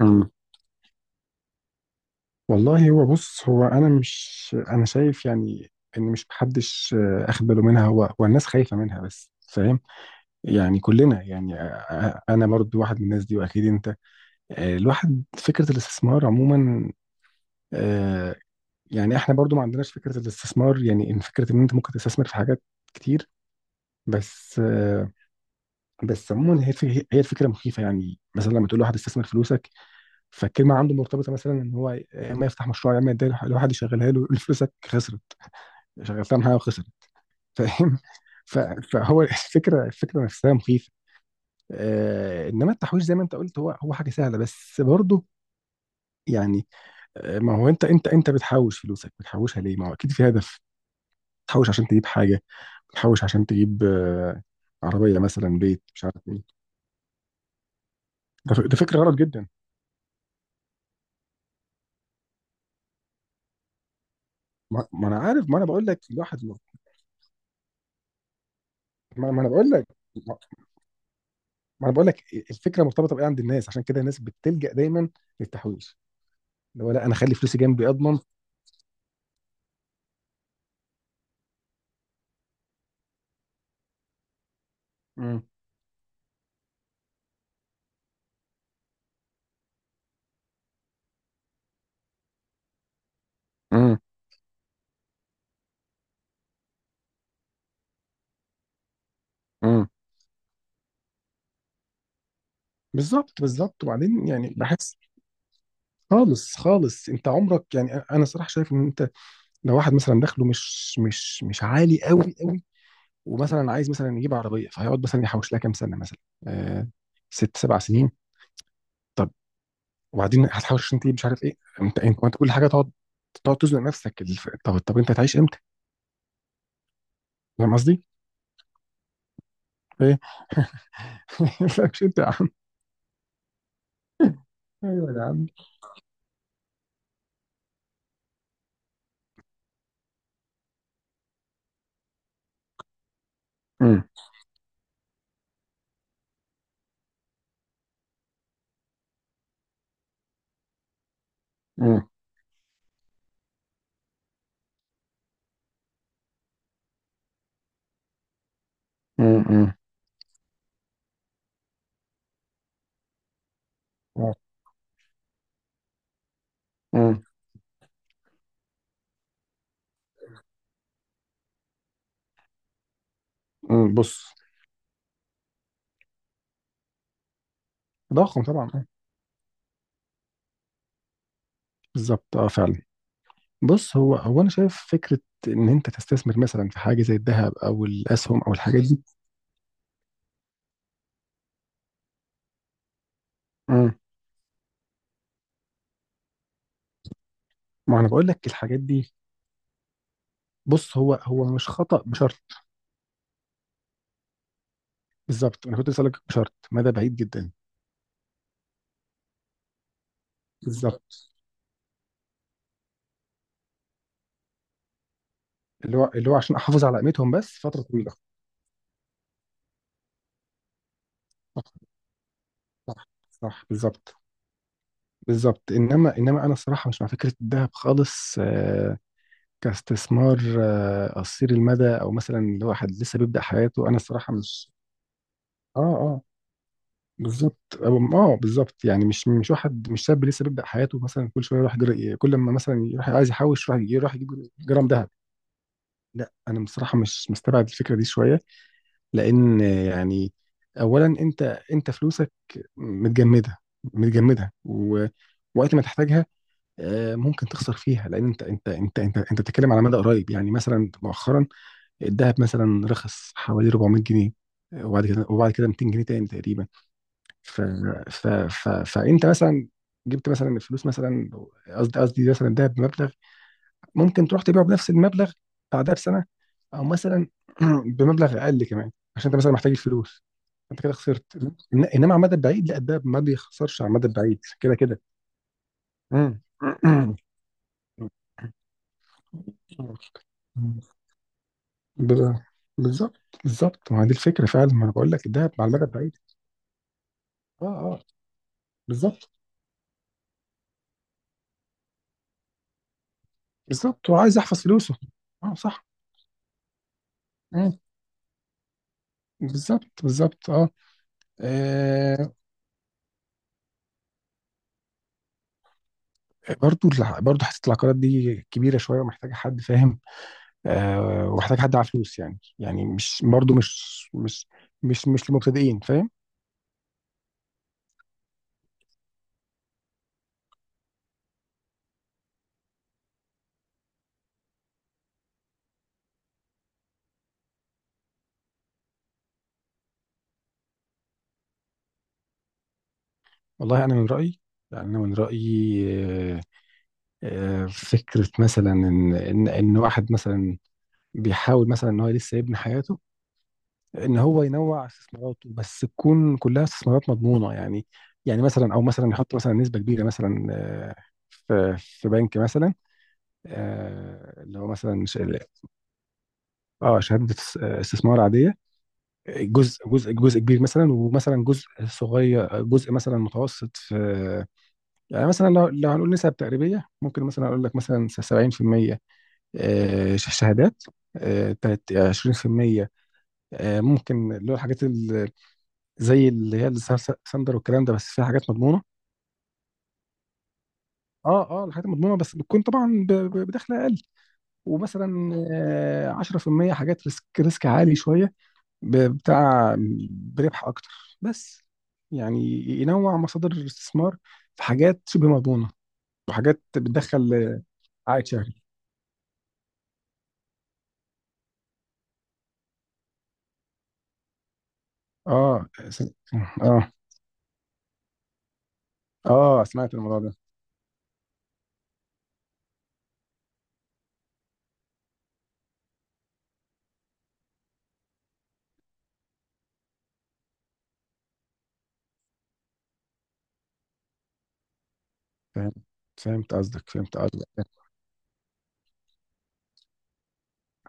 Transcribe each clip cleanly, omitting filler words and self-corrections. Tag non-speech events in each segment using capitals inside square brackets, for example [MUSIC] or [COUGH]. أمم. والله، هو بص، هو انا مش انا شايف يعني ان مش محدش اخد باله منها. هو الناس خايفه منها، بس فاهم يعني كلنا يعني. انا برضو واحد من الناس دي، واكيد انت الواحد فكره الاستثمار عموما. آه، يعني احنا برضو ما عندناش فكره الاستثمار، يعني ان فكره ان انت ممكن تستثمر في حاجات كتير. بس بس عموما، هي الفكره مخيفه. يعني مثلا لما تقول لواحد استثمر فلوسك، فالكلمه عنده مرتبطه مثلا ان هو يا اما يفتح مشروع يا اما يدير لواحد يشغلها له، يقول فلوسك خسرت، شغلتها معايا وخسرت، فاهم؟ ف- فهو الفكره نفسها مخيفه. انما التحويش، زي ما انت قلت، هو حاجه سهله، بس برضه يعني. ما هو انت بتحوش فلوسك، بتحوشها ليه؟ ما هو اكيد في هدف. بتحوش عشان تجيب حاجه، بتحوش عشان تجيب عربيه مثلا، بيت، مش عارف ايه. ده فكره غلط جدا. ما انا عارف، ما انا بقول لك الواحد. ما انا بقول لك. ما انا بقول لك، الفكره مرتبطه بايه عند الناس؟ عشان كده الناس بتلجأ دايما للتحويش، اللي هو لا، انا اخلي فلوسي جنبي اضمن. امم. امم. امم. بالظبط، بالظبط، وبعدين يعني بحس. خالص، خالص. انت عمرك يعني انا صراحه شايف ان انت لو واحد مثلا دخله مش عالي قوي قوي، ومثلا عايز مثلا يجيب عربيه، فهيقعد مثلا يحوش لها كام سنه مثلا. آه ست سبع سنين. طب، وبعدين هتحوش عشان تجيب مش عارف ايه؟ انت كل حاجه تقعد تزنق نفسك. طب انت هتعيش امتى؟ فاهم قصدي؟ إيه؟ مالكش انت يا عم. ايوه يا عم. مم. مم. مم. مم. مم. مم. بص، تضخم طبعا اه. بالظبط اه فعلا. بص، هو انا شايف فكره ان انت تستثمر مثلا في حاجه زي الذهب او الاسهم او الحاجات دي. مم. ما انا بقول لك الحاجات دي. بص، هو مش خطا بشرط. بالظبط، انا كنت اسالك بشرط مدى بعيد جدا. بالظبط. اللي هو عشان احافظ على قيمتهم بس فتره طويله. صح، صح، صح، بالظبط. بالظبط. انما انا الصراحه مش مع فكره الذهب خالص كاستثمار قصير المدى، او مثلا اللي هو حد لسه بيبدأ حياته، انا الصراحة مش اه اه بالظبط. اه بالظبط، يعني مش واحد، مش شاب لسه بيبدأ حياته مثلا كل شوية يروح جر... كل ما مثلا يروح عايز يحوش يروح يجيب جرام ذهب. لا، انا بصراحة مش مستبعد الفكرة دي شوية، لان يعني اولا انت، فلوسك متجمدة، ووقت ما تحتاجها ممكن تخسر فيها، لان انت بتتكلم على مدى قريب يعني مثلا. مؤخرا الذهب مثلا رخص حوالي 400 جنيه، وبعد كده 200 جنيه تاني تقريبا. ف... فانت مثلا جبت مثلا الفلوس، مثلا قصدي مثلا الذهب بمبلغ، ممكن تروح تبيعه بنفس المبلغ بعدها بسنه، او مثلا [CLEARS THROAT] بمبلغ اقل كمان عشان انت مثلا محتاج الفلوس. انت كده خسرت انما على المدى البعيد لا، الذهب ما بيخسرش على المدى البعيد كده كده. مم. [CLEARS THROAT] بال- بالظبط، بالظبط، ما هي دي الفكره فعلا. ما انا بقول لك الذهب على المدى البعيد. اه اه بالظبط بالظبط، وعايز يحفظ فلوسه. اه صح. مم. بالظبط بالظبط اه. آه، برضو حته العقارات دي كبيره شويه ومحتاجه حد فاهم. ومحتاجه حد على فلوس. يعني مش برضو مش للمبتدئين، فاهم؟ والله انا من رايي، يعني انا من رايي. آه فكره مثلا ان ان واحد مثلا بيحاول مثلا ان هو لسه يبني حياته، ان هو ينوع استثماراته، بس تكون كلها استثمارات مضمونه يعني. مثلا، او مثلا يحط مثلا نسبه كبيره مثلا في بنك مثلا، اللي هو مثلا اه، شهاده استثمار عاديه. جزء كبير مثلا، ومثلا جزء صغير، جزء مثلا متوسط في. يعني مثلا، لو هنقول نسب تقريبيه، ممكن مثلا اقول لك مثلا 70% شهادات، 20% ممكن اللي هو الحاجات زي اللي هي الساندر والكلام ده، بس فيها حاجات مضمونه. اه اه الحاجات المضمونه بس بتكون طبعا بدخل اقل. ومثلا 10% حاجات ريسك عالي شويه، بتاع بربح اكتر. بس يعني ينوع مصادر الاستثمار، في حاجات شبه مضمونه، وحاجات بتدخل عائد شهري. اه س- اه اه، سمعت الموضوع ده. فهمت، فهمت قصدك، فهمت قصدك.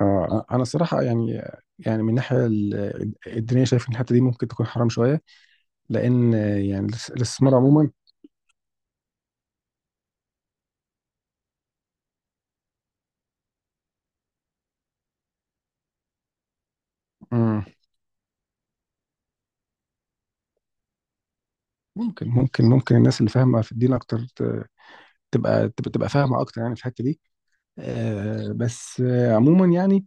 اه انا الصراحه يعني، من الناحيه الدينيه شايف ان الحته دي ممكن تكون حرام شويه، لان يعني الاستثمار عموما. مم، ممكن الناس اللي فاهمه في الدين اكتر تبقى فاهمه اكتر يعني في الحته دي. بس، عموما يعني،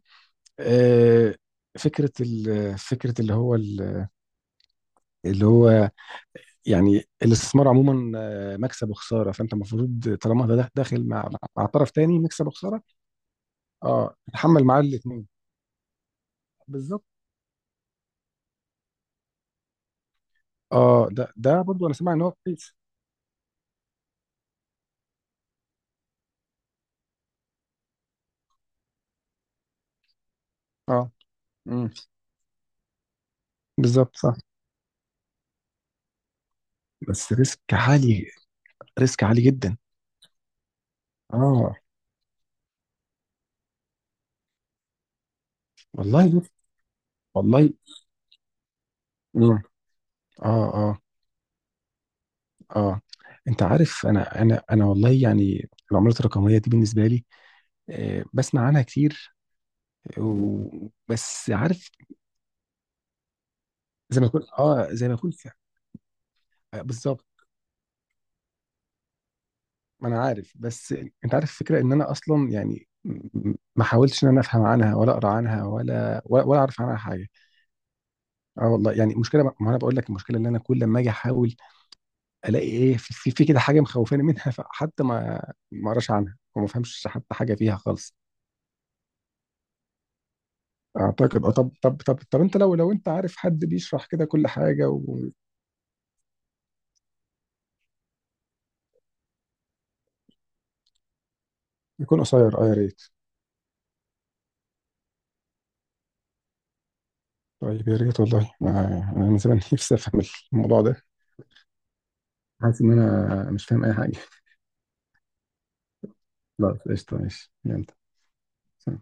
آه فكره فكره اللي هو اللي هو يعني الاستثمار عموما مكسب وخساره، فانت المفروض طالما ده داخل مع مع طرف تاني، مكسب وخساره اه تتحمل معاه الاثنين. اه ده برضو انا سامع ان هو كويس. اه. امم. بالظبط صح. بس ريسك عالي، ريسك عالي جدا. اه والله والله. امم. اه اه اه. انت عارف، انا والله يعني العملات الرقميه دي بالنسبه لي بسمع عنها كتير، بس عارف زي ما اكون بالظبط. ما انا عارف، بس انت عارف الفكره، ان انا اصلا يعني ما حاولتش ان انا افهم عنها، ولا اقرا عنها، ولا اعرف عنها حاجه. اه والله يعني المشكله ما انا بقول لك، المشكله اللي انا كل ما اجي احاول الاقي ايه في كده حاجه مخوفاني منها، فحتى ما اقراش عنها وما افهمش حتى حاجه فيها خالص. اعتقد اه. طب انت، لو انت عارف حد بيشرح كده كل حاجه ويكون قصير، اه يا ريت. طيب يا ريت، والله انا أنا من زمان [LAUGHS] نفسي افهم الموضوع ده. حاسس ان انا مش فاهم اي حاجه. خلاص، قشطه، ماشي، يلا. سلام.